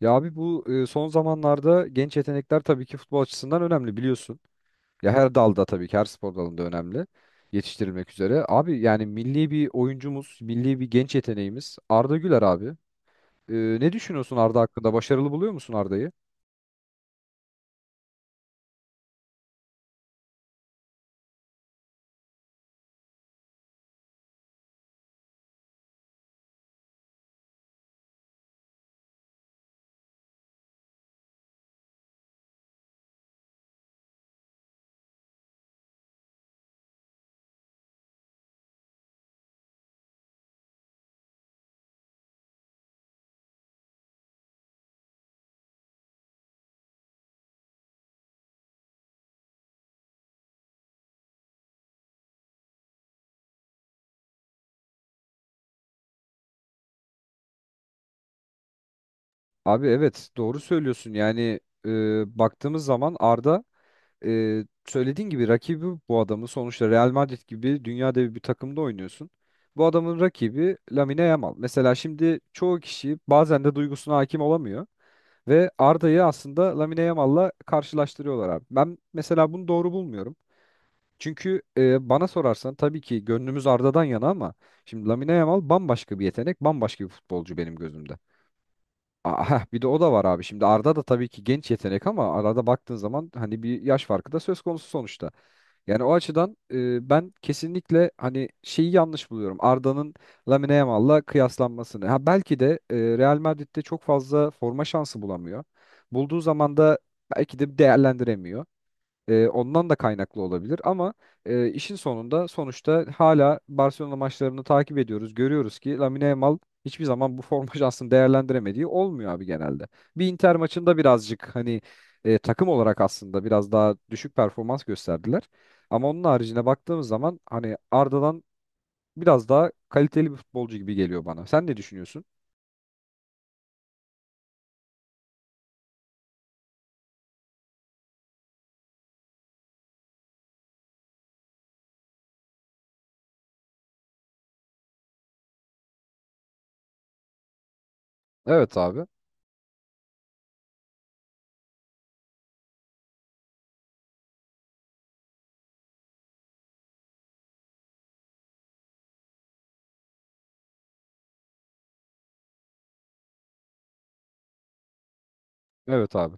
Ya abi bu son zamanlarda genç yetenekler tabii ki futbol açısından önemli biliyorsun. Ya her dalda tabii ki her spor dalında önemli yetiştirilmek üzere. Abi yani milli bir oyuncumuz, milli bir genç yeteneğimiz Arda Güler abi. E, Ne düşünüyorsun Arda hakkında? Başarılı buluyor musun Arda'yı? Abi evet doğru söylüyorsun. Yani baktığımız zaman Arda söylediğin gibi rakibi bu adamın sonuçta Real Madrid gibi dünya devi bir takımda oynuyorsun. Bu adamın rakibi Lamine Yamal. Mesela şimdi çoğu kişi bazen de duygusuna hakim olamıyor ve Arda'yı aslında Lamine Yamal'la karşılaştırıyorlar abi. Ben mesela bunu doğru bulmuyorum. Çünkü bana sorarsan tabii ki gönlümüz Arda'dan yana ama şimdi Lamine Yamal bambaşka bir yetenek, bambaşka bir futbolcu benim gözümde. Aa, heh, bir de o da var abi. Şimdi Arda da tabii ki genç yetenek ama arada baktığın zaman hani bir yaş farkı da söz konusu sonuçta. Yani o açıdan ben kesinlikle hani şeyi yanlış buluyorum. Arda'nın Lamine Yamal'la kıyaslanmasını. Ha belki de Real Madrid'de çok fazla forma şansı bulamıyor. Bulduğu zaman da belki de değerlendiremiyor. Ondan da kaynaklı olabilir ama işin sonunda sonuçta hala Barcelona maçlarını takip ediyoruz. Görüyoruz ki Lamine Yamal hiçbir zaman bu forma şansını değerlendiremediği olmuyor abi genelde. Bir Inter maçında birazcık hani takım olarak aslında biraz daha düşük performans gösterdiler. Ama onun haricine baktığımız zaman hani Arda'dan biraz daha kaliteli bir futbolcu gibi geliyor bana. Sen ne düşünüyorsun? Evet abi. Evet abi.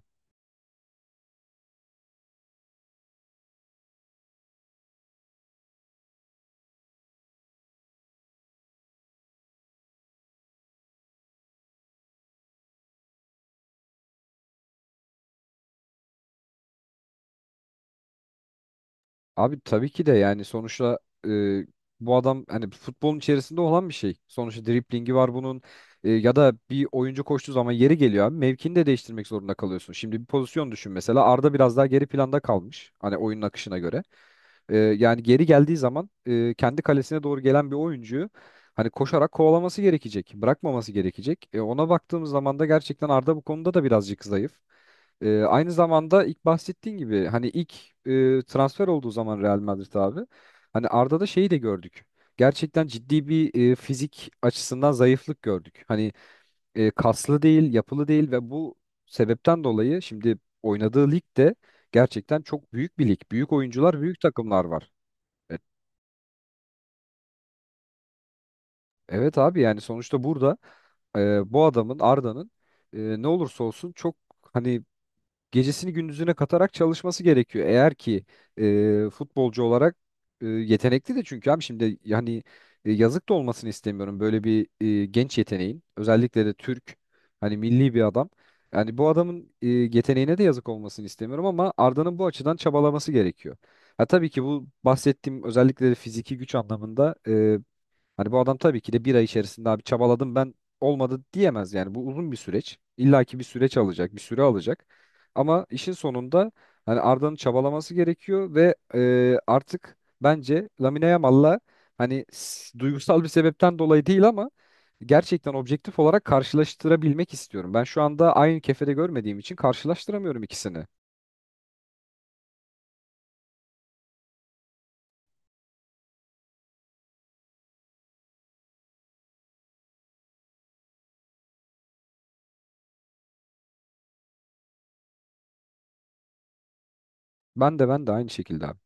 Abi tabii ki de yani sonuçta e, bu adam hani futbolun içerisinde olan bir şey. Sonuçta driplingi var bunun. Ya da bir oyuncu koştuğu zaman yeri geliyor abi mevkini de değiştirmek zorunda kalıyorsun. Şimdi bir pozisyon düşün mesela Arda biraz daha geri planda kalmış hani oyunun akışına göre. Yani geri geldiği zaman kendi kalesine doğru gelen bir oyuncuyu hani koşarak kovalaması gerekecek, bırakmaması gerekecek. Ona baktığımız zaman da gerçekten Arda bu konuda da birazcık zayıf. Aynı zamanda ilk bahsettiğin gibi hani ilk transfer olduğu zaman Real Madrid abi hani Arda'da şeyi de gördük. Gerçekten ciddi bir fizik açısından zayıflık gördük. Hani kaslı değil, yapılı değil ve bu sebepten dolayı şimdi oynadığı lig de gerçekten çok büyük bir lig. Büyük oyuncular, büyük takımlar var. E, evet abi yani sonuçta burada bu adamın Arda'nın ne olursa olsun çok hani gecesini gündüzüne katarak çalışması gerekiyor. Eğer ki futbolcu olarak yetenekli de çünkü abi şimdi yani yazık da olmasını istemiyorum böyle bir genç yeteneğin özellikle de Türk hani milli bir adam. Yani bu adamın yeteneğine de yazık olmasını istemiyorum ama Arda'nın bu açıdan çabalaması gerekiyor. Ha tabii ki bu bahsettiğim özellikle de fiziki güç anlamında hani bu adam tabii ki de bir ay içerisinde abi çabaladım ben olmadı diyemez yani. Bu uzun bir süreç. İlla ki bir süreç alacak, bir süre alacak. Ama işin sonunda hani Arda'nın çabalaması gerekiyor ve artık bence Lamine Yamal'la hani duygusal bir sebepten dolayı değil ama gerçekten objektif olarak karşılaştırabilmek istiyorum. Ben şu anda aynı kefede görmediğim için karşılaştıramıyorum ikisini. Ben de ben de aynı şekilde abi.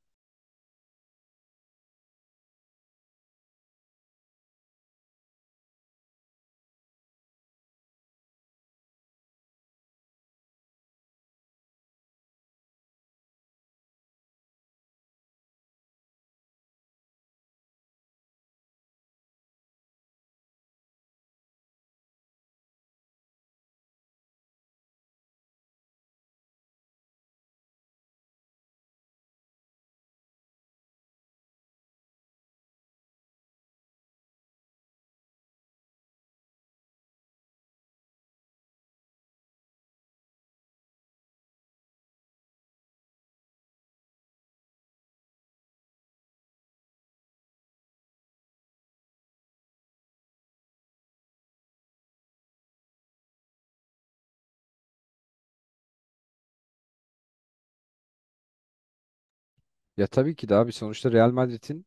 Ya tabii ki de abi sonuçta Real Madrid'in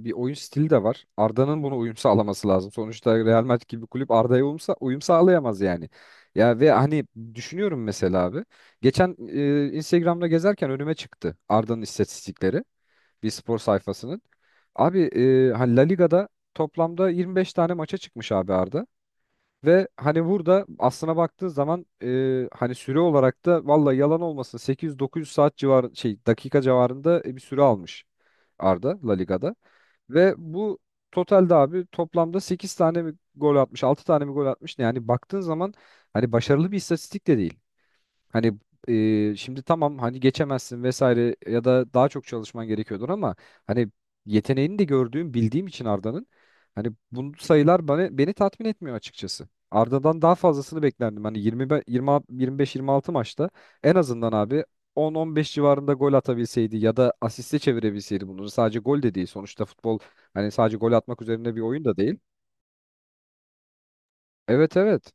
bir oyun stili de var. Arda'nın buna uyum sağlaması lazım. Sonuçta Real Madrid gibi bir kulüp Arda'ya uyum sağlayamaz yani. Ya ve hani düşünüyorum mesela abi. Geçen Instagram'da gezerken önüme çıktı Arda'nın istatistikleri. Bir spor sayfasının. Abi hani La Liga'da toplamda 25 tane maça çıkmış abi Arda. Ve hani burada aslına baktığın zaman hani süre olarak da valla yalan olmasın 800-900 saat civar şey dakika civarında bir süre almış. Arda La Liga'da. Ve bu totalde abi toplamda 8 tane mi gol atmış, 6 tane mi gol atmış ne? Yani baktığın zaman hani başarılı bir istatistik de değil. Hani şimdi tamam hani geçemezsin vesaire ya da daha çok çalışman gerekiyordur ama hani yeteneğini de gördüğüm bildiğim için Arda'nın hani bu sayılar beni tatmin etmiyor açıkçası. Arda'dan daha fazlasını beklerdim. Hani 20, 25-26 maçta en azından abi 10-15 civarında gol atabilseydi ya da asiste çevirebilseydi bunları sadece gol de değil. Sonuçta futbol hani sadece gol atmak üzerine bir oyun da değil. Evet, evet.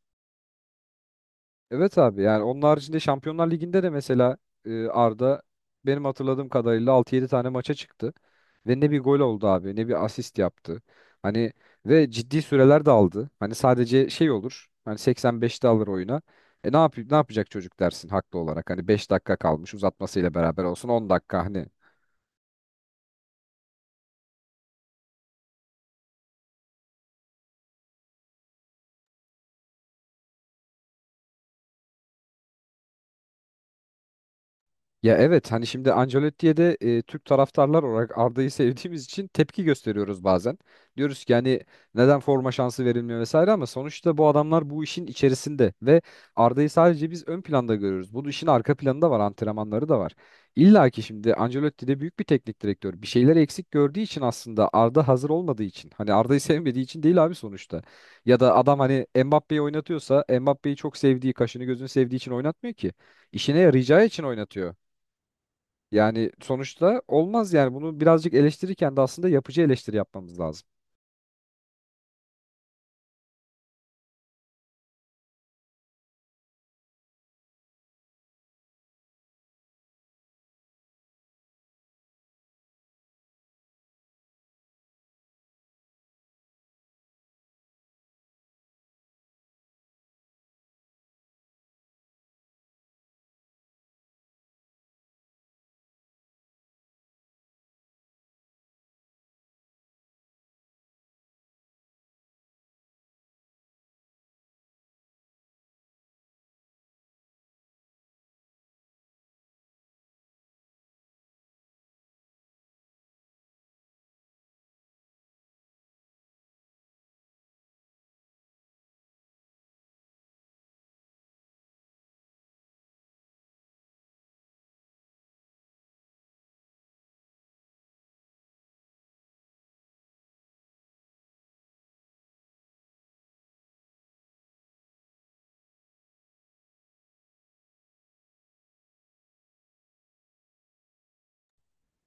Evet abi yani onun haricinde Şampiyonlar Ligi'nde de mesela Arda benim hatırladığım kadarıyla altı yedi tane maça çıktı. Ve ne bir gol oldu abi ne bir asist yaptı. Hani ve ciddi süreler de aldı. Hani sadece şey olur. Hani 85'te alır oyuna. E ne yapıyor ne yapacak çocuk dersin haklı olarak. Hani 5 dakika kalmış uzatmasıyla beraber olsun 10 dakika hani. Ya evet hani şimdi Ancelotti'ye de Türk taraftarlar olarak Arda'yı sevdiğimiz için tepki gösteriyoruz bazen. Diyoruz ki yani neden forma şansı verilmiyor vesaire ama sonuçta bu adamlar bu işin içerisinde ve Arda'yı sadece biz ön planda görüyoruz. Bu işin arka planı da var, antrenmanları da var. İlla ki şimdi Ancelotti de büyük bir teknik direktör. Bir şeyler eksik gördüğü için aslında Arda hazır olmadığı için. Hani Arda'yı sevmediği için değil abi sonuçta. Ya da adam hani Mbappé'yi oynatıyorsa Mbappé'yi çok sevdiği, kaşını gözünü sevdiği için oynatmıyor ki. İşine yarayacağı için oynatıyor. Yani sonuçta olmaz yani bunu birazcık eleştirirken de aslında yapıcı eleştiri yapmamız lazım.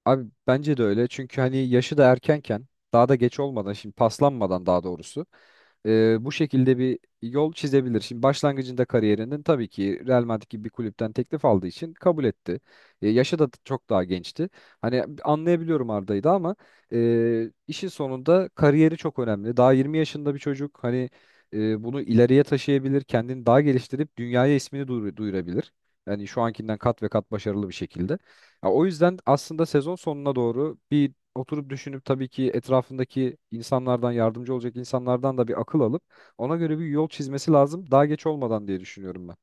Abi bence de öyle çünkü hani yaşı da erkenken daha da geç olmadan şimdi paslanmadan daha doğrusu bu şekilde bir yol çizebilir. Şimdi başlangıcında kariyerinin tabii ki Real Madrid gibi bir kulüpten teklif aldığı için kabul etti. Yaşı da çok daha gençti. Hani anlayabiliyorum Arda'yı da ama işin sonunda kariyeri çok önemli. Daha 20 yaşında bir çocuk hani bunu ileriye taşıyabilir, kendini daha geliştirip dünyaya ismini duyurabilir. Yani şu ankinden kat ve kat başarılı bir şekilde. Ya o yüzden aslında sezon sonuna doğru bir oturup düşünüp tabii ki etrafındaki insanlardan yardımcı olacak insanlardan da bir akıl alıp ona göre bir yol çizmesi lazım daha geç olmadan diye düşünüyorum ben.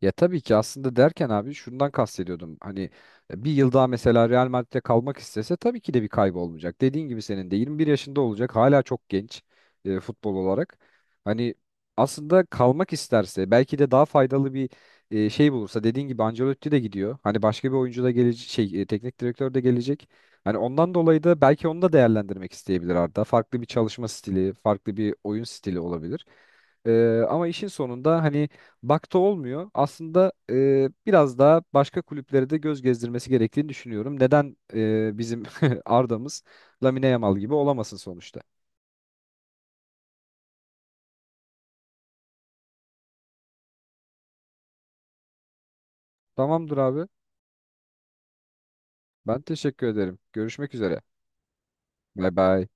Ya tabii ki aslında derken abi şundan kastediyordum. Hani bir yıl daha mesela Real Madrid'de kalmak istese tabii ki de bir kaybı olmayacak. Dediğin gibi senin de 21 yaşında olacak. Hala çok genç futbol olarak. Hani aslında kalmak isterse belki de daha faydalı bir şey bulursa dediğin gibi Ancelotti de gidiyor. Hani başka bir oyuncu da gelecek şey teknik direktör de gelecek. Hani ondan dolayı da belki onu da değerlendirmek isteyebilir Arda. Farklı bir çalışma stili, farklı bir oyun stili olabilir. Ama işin sonunda hani bakta olmuyor. Aslında biraz daha başka kulüplere de göz gezdirmesi gerektiğini düşünüyorum. Neden bizim Arda'mız Lamine Yamal gibi olamasın sonuçta? Tamamdır abi. Ben teşekkür ederim. Görüşmek üzere. Bay bay.